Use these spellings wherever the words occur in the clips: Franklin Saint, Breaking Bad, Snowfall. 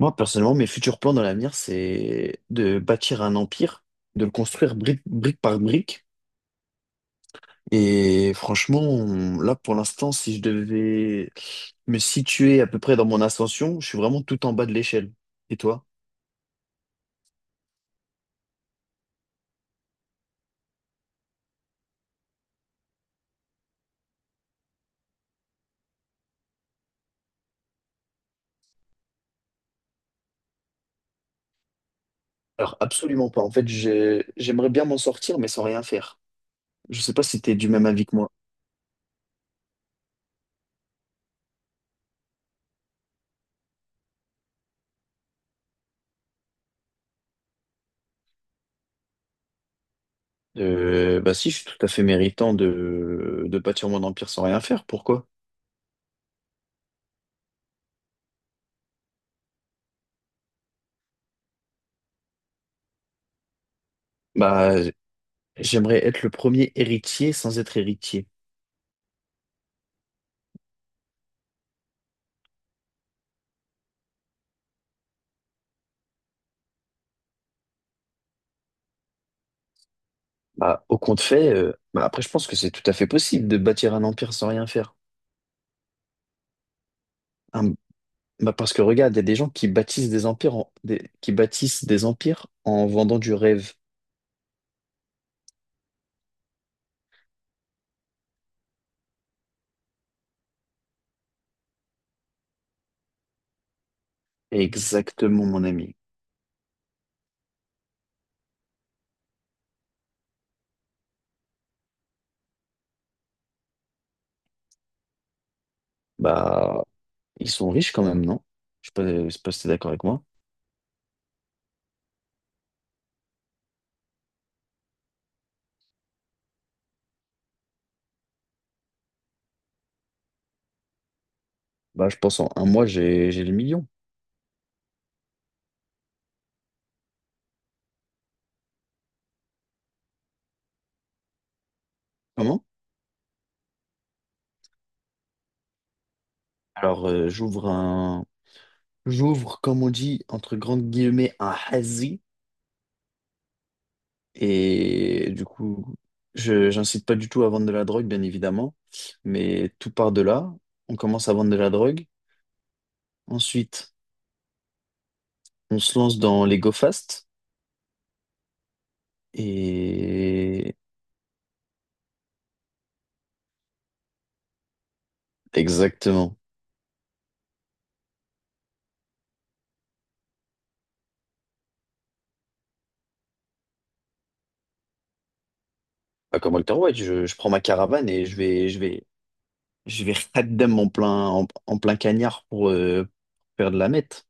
Moi, personnellement, mes futurs plans dans l'avenir, c'est de bâtir un empire, de le construire brique par brique. Et franchement, là, pour l'instant, si je devais me situer à peu près dans mon ascension, je suis vraiment tout en bas de l'échelle. Et toi? Alors, absolument pas. En fait, j'aimerais bien m'en sortir, mais sans rien faire. Je sais pas si tu es du même avis que moi. Bah si, je suis tout à fait méritant de bâtir mon empire sans rien faire. Pourquoi? Bah, j'aimerais être le premier héritier sans être héritier. Bah, au compte fait, bah, après, je pense que c'est tout à fait possible de bâtir un empire sans rien faire. Un- bah, parce que regarde, il y a des gens qui bâtissent des empires qui bâtissent des empires en vendant du rêve. Exactement, mon ami. Bah, ils sont riches quand même, non? Je sais pas si t'es d'accord avec moi. Bah, je pense en un mois, j'ai le million. Comment? Alors, j'ouvre, comme on dit, entre grandes guillemets, un hazy. Et du coup, j'incite pas du tout à vendre de la drogue, bien évidemment, mais tout part de là. On commence à vendre de la drogue. Ensuite, on se lance dans les Go Fast. Et exactement. Pas comme Walter White, je prends ma caravane et je vais raddam en plein, en plein cagnard pour faire de la meth.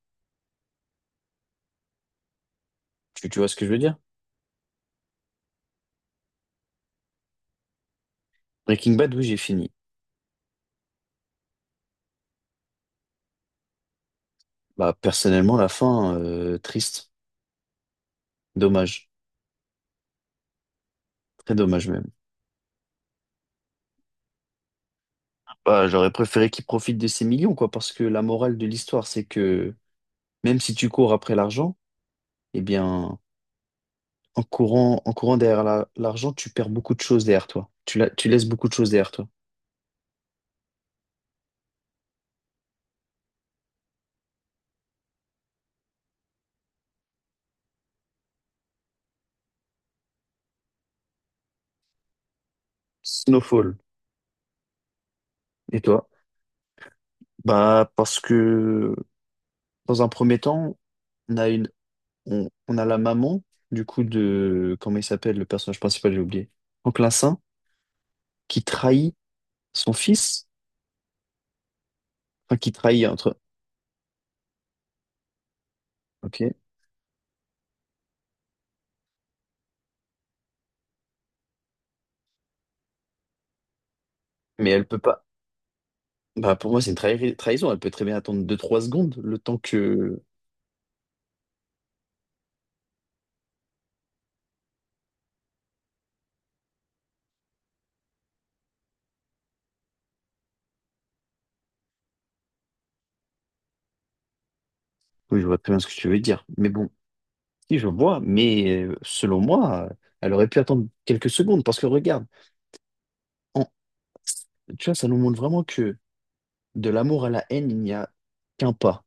Tu vois ce que je veux dire? Breaking Bad, oui, j'ai fini. Bah, personnellement, la fin, triste. Dommage. Très dommage, même. Bah, j'aurais préféré qu'il profite de ses millions, quoi, parce que la morale de l'histoire, c'est que même si tu cours après l'argent, eh bien, en courant derrière l'argent, tu perds beaucoup de choses derrière toi. Tu laisses beaucoup de choses derrière toi. Snowfall. Et toi? Bah, parce que dans un premier temps, on a une, on a la maman, du coup, de, comment il s'appelle, le personnage principal, j'ai oublié. Franklin Saint, qui trahit son fils, enfin, qui trahit entre, ok, mais elle peut pas. Bah, pour moi, c'est une trahison. Elle peut très bien attendre deux trois secondes, le temps que... Oui, je vois très bien ce que tu veux dire. Mais bon, si je vois, mais selon moi, elle aurait pu attendre quelques secondes. Parce que regarde, en- tu vois, ça nous montre vraiment que de l'amour à la haine, il n'y a qu'un pas.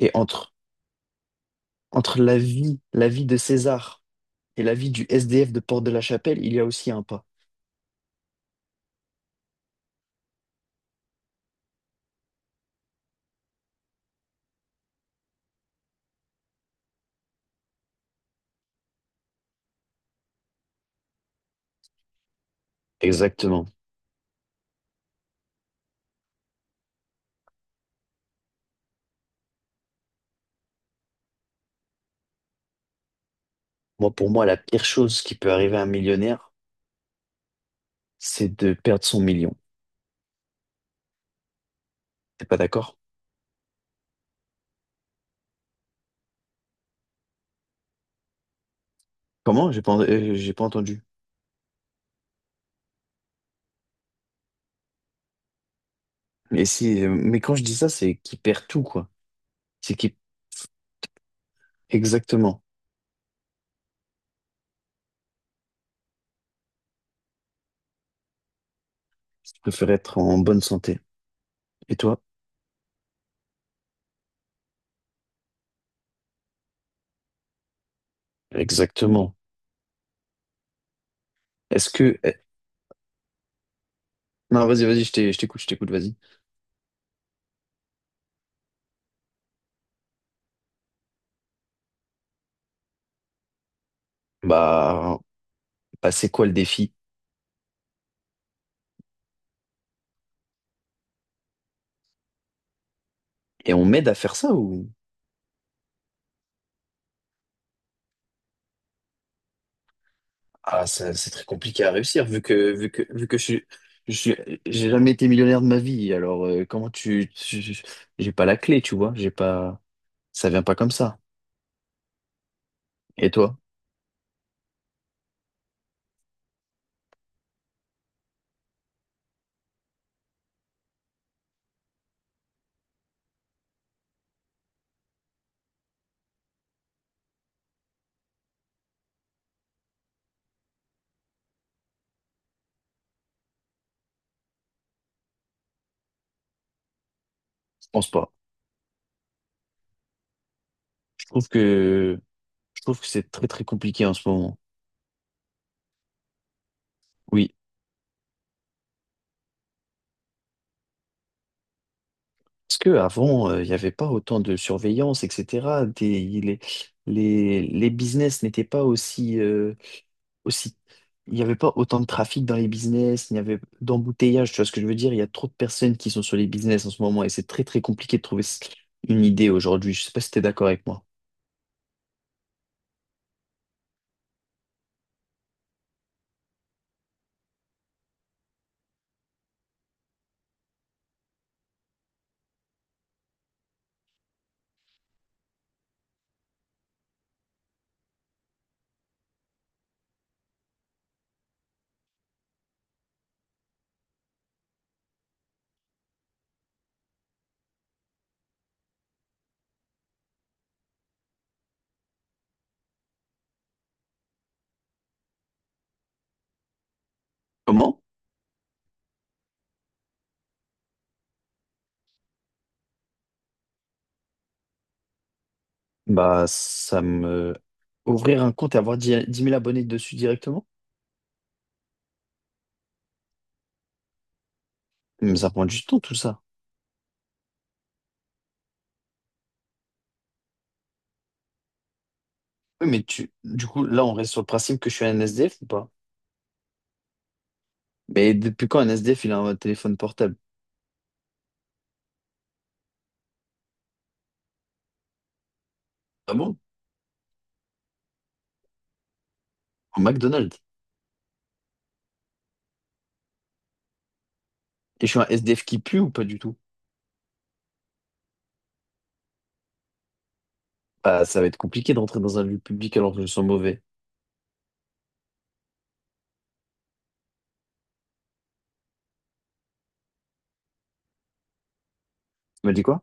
Et entre, entre la vie de César... Et la vie du SDF de Porte de la Chapelle, il y a aussi un pas. Exactement. Moi, pour moi, la pire chose qui peut arriver à un millionnaire, c'est de perdre son million. T'es pas d'accord? Comment? J'ai pas entendu. Mais si, mais quand je dis ça, c'est qu'il perd tout, quoi. C'est qu'il... Exactement. Je préfère être en bonne santé. Et toi? Exactement. Est-ce que, Non, vas-y, vas-y, je t'ai- je t'écoute, vas-y. Bah, bah c'est quoi le défi? Et on m'aide à faire ça ou? Ah, c'est très compliqué à réussir vu que je suis je suis j'ai jamais été millionnaire de ma vie. Alors comment j'ai pas la clé, tu vois, j'ai pas ça vient pas comme ça. Et toi? Je pense pas. Je trouve que je trouve que c'est très très compliqué en ce moment. Oui. Parce que avant il n'y avait pas autant de surveillance, etc. Les business n'étaient pas aussi aussi, il n'y avait pas autant de trafic dans les business, il n'y avait d'embouteillage, tu vois ce que je veux dire? Il y a trop de personnes qui sont sur les business en ce moment et c'est très très compliqué de trouver une idée aujourd'hui. Je sais pas si tu es d'accord avec moi. Comment? Bah, ça me... Ouvrir un compte et avoir 10 000 abonnés dessus directement? Mais ça prend du temps tout ça. Oui, mais tu... du coup, là, on reste sur le principe que je suis un SDF ou pas? Mais depuis quand un SDF, il a un téléphone portable? Ah bon? Au McDonald's. Et je suis un SDF qui pue ou pas du tout? Bah, ça va être compliqué de rentrer dans un lieu public alors que je sens mauvais. Tu m'as dit quoi?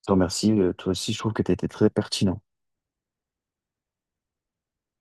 Je te remercie. Toi aussi, je trouve que tu as été très pertinent.